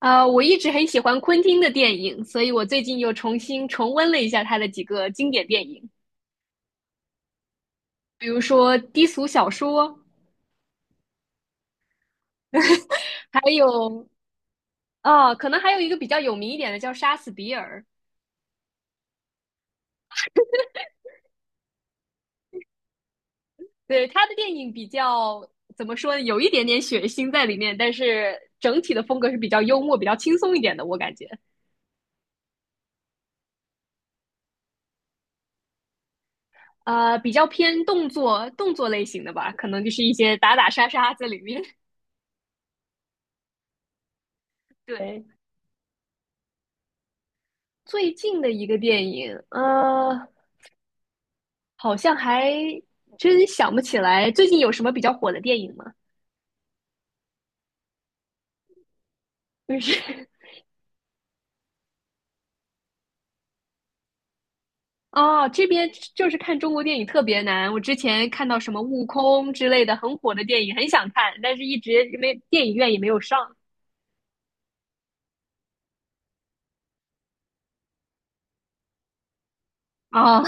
我一直很喜欢昆汀的电影，所以我最近又重新重温了一下他的几个经典电影，比如说《低俗小说》，还有可能还有一个比较有名一点的叫《杀死比尔》。对，他的电影比较怎么说呢，有一点点血腥在里面，但是整体的风格是比较幽默、比较轻松一点的，我感觉。比较偏动作类型的吧，可能就是一些打打杀杀在里面。对，最近的一个电影，好像还真想不起来最近有什么比较火的电影吗？就是 哦，这边就是看中国电影特别难。我之前看到什么《悟空》之类的很火的电影，很想看，但是一直没电影院也没有上。哦，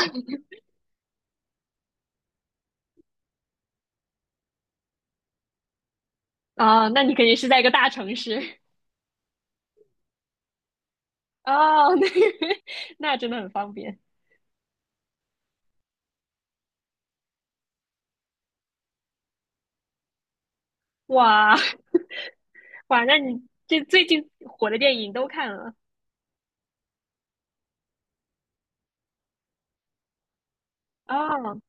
哦，那你肯定是在一个大城市。哦，那 那真的很方便。哇，哇，那你这最近火的电影都看了。哦，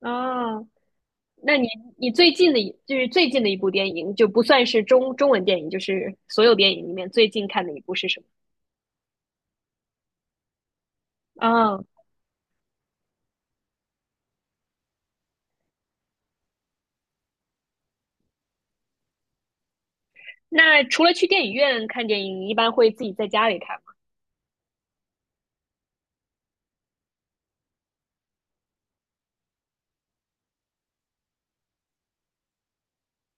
哦，那你你最近的一就是最近的一部电影，就不算是中文电影，就是所有电影里面最近看的一部是什么？哦，那除了去电影院看电影，你一般会自己在家里看吗？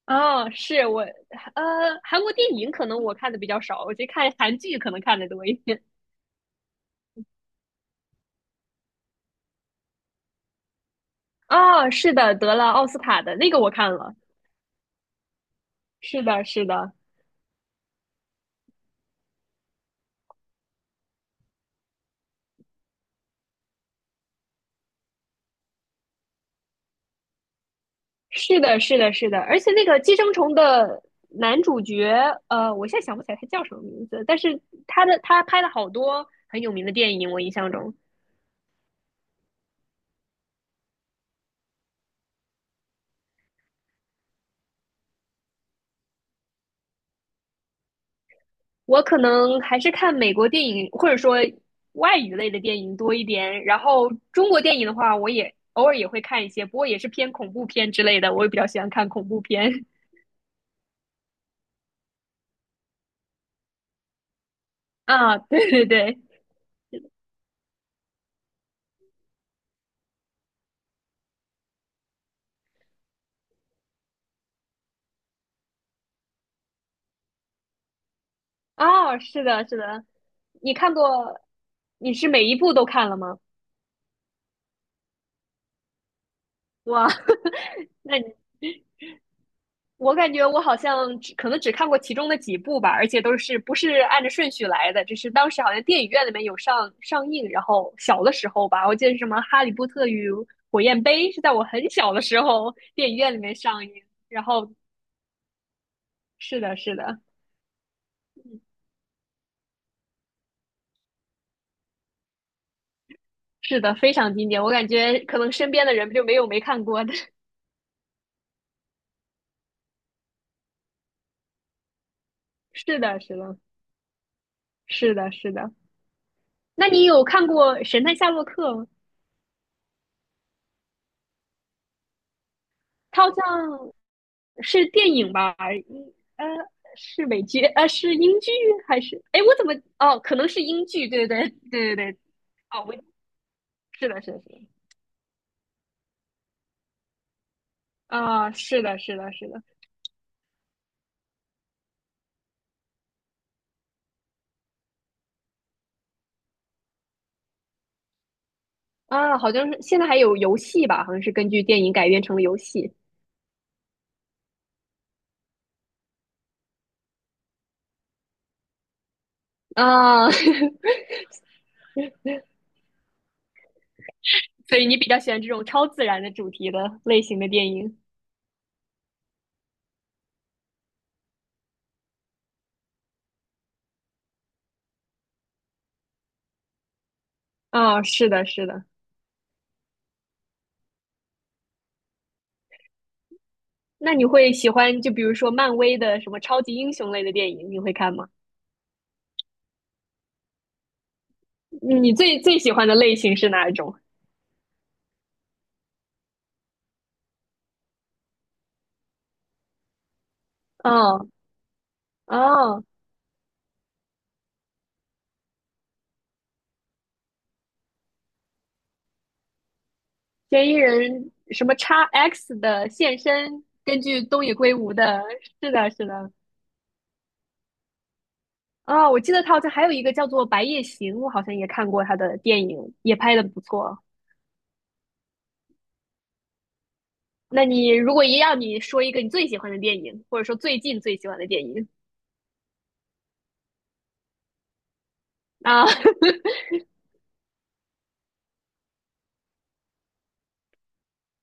哦，是我，韩国电影可能我看的比较少，我去看韩剧可能看的多一点。哦，是的，得了奥斯卡的那个我看了，是的，是的。是的，是的，是的，而且那个寄生虫的男主角，我现在想不起来他叫什么名字，但是他的他拍了好多很有名的电影，我印象中。我可能还是看美国电影或者说外语类的电影多一点，然后中国电影的话，我也偶尔也会看一些，不过也是偏恐怖片之类的，我也比较喜欢看恐怖片。 啊，对对对。哦，是的，是的，你看过，你是每一部都看了吗？哇，那你。我感觉我好像只可能只看过其中的几部吧，而且都是不是按着顺序来的，只是当时好像电影院里面有上映，然后小的时候吧，我记得是什么《哈利波特与火焰杯》是在我很小的时候电影院里面上映，然后是的，是的，嗯。是的，非常经典，我感觉可能身边的人就没有没看过的。是的，是的，是的，是的。那你有看过《神探夏洛克》吗？他好像是电影吧？是美剧，是英剧还是？哎，我怎么。哦？可能是英剧，对对对对对对。哦，我是的，是的，是的，啊，是的，是的，是的。啊，好像是现在还有游戏吧？好像是根据电影改编成了游戏。啊。所以你比较喜欢这种超自然的主题的类型的电影。啊？是的，是的。那你会喜欢就比如说漫威的什么超级英雄类的电影，你会看吗？你最最喜欢的类型是哪一种？啊，哦。哦，嫌疑人什么叉 X 的现身，根据东野圭吾的，是的，是的。啊，我记得他好像还有一个叫做《白夜行》，我好像也看过他的电影，也拍的不错。那你如果一样，你说一个你最喜欢的电影，或者说最近最喜欢的电影。啊，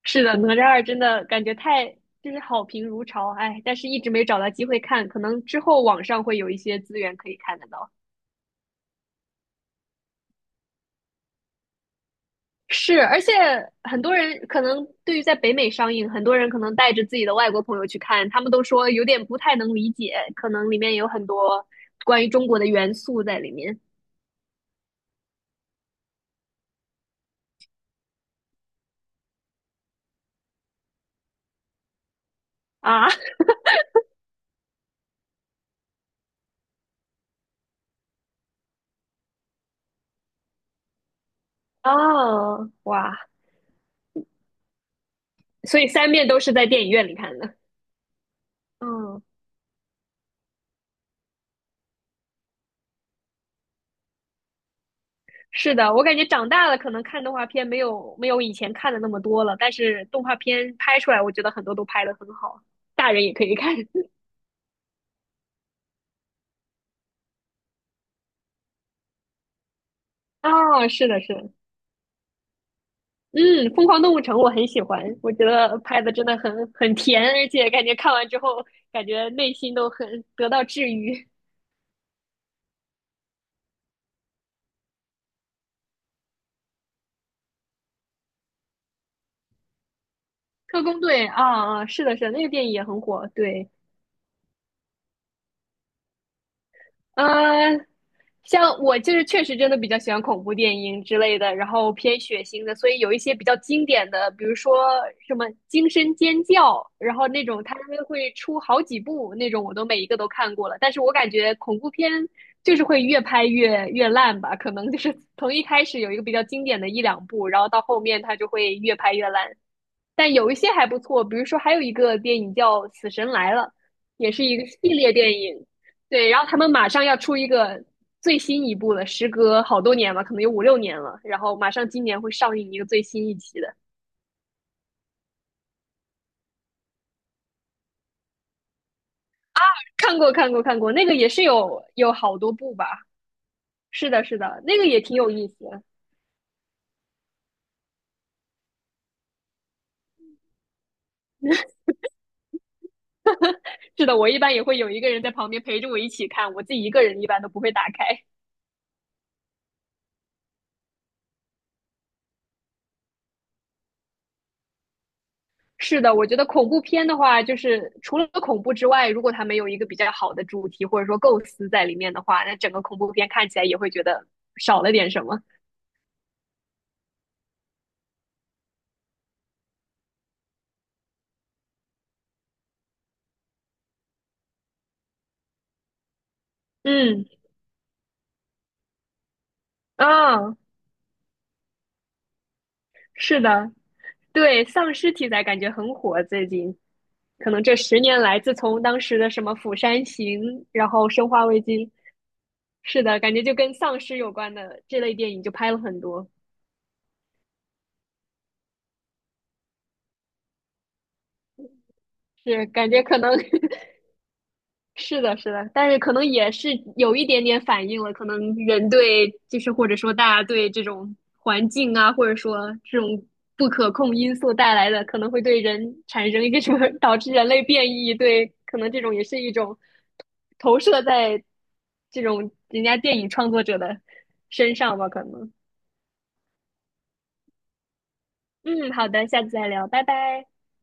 是的，《哪吒二》真的感觉太就是好评如潮，哎，但是一直没找到机会看，可能之后网上会有一些资源可以看得到。是，而且很多人可能对于在北美上映，很多人可能带着自己的外国朋友去看，他们都说有点不太能理解，可能里面有很多关于中国的元素在里面。啊 哦，哇，所以三遍都是在电影院里看的。嗯，是的，我感觉长大了可能看动画片没有以前看的那么多了，但是动画片拍出来，我觉得很多都拍得很好，大人也可以看。哦，是的，是的，嗯，《疯狂动物城》我很喜欢，我觉得拍的真的很甜，而且感觉看完之后，感觉内心都很得到治愈。特工队啊，啊，是的，是的，那个电影也很火，对。呃，像我就是确实真的比较喜欢恐怖电影之类的，然后偏血腥的，所以有一些比较经典的，比如说什么《惊声尖叫》，然后那种它会出好几部那种，我都每一个都看过了。但是我感觉恐怖片就是会越拍越烂吧，可能就是从一开始有一个比较经典的一两部，然后到后面它就会越拍越烂。但有一些还不错，比如说还有一个电影叫《死神来了》，也是一个系列电影。对，然后他们马上要出一个最新一部了，时隔好多年了，可能有五六年了，然后马上今年会上映一个最新一期的。看过，看过，看过，那个也是有好多部吧。是的，是的，那个也挺有意思的。是的，我一般也会有一个人在旁边陪着我一起看，我自己一个人一般都不会打开。是的，我觉得恐怖片的话，就是除了恐怖之外，如果它没有一个比较好的主题或者说构思在里面的话，那整个恐怖片看起来也会觉得少了点什么。嗯，啊、是的，对，丧尸题材感觉很火，最近可能这十年来，自从当时的什么《釜山行》，然后《生化危机》，是的，感觉就跟丧尸有关的这类电影就拍了很多，是感觉可能是的，是的，但是可能也是有一点点反应了，可能人对就是或者说大家对这种环境啊，或者说这种不可控因素带来的，可能会对人产生一个什么，导致人类变异，对，可能这种也是一种投射在这种人家电影创作者的身上吧，可能。嗯，好的，下次再聊，拜拜。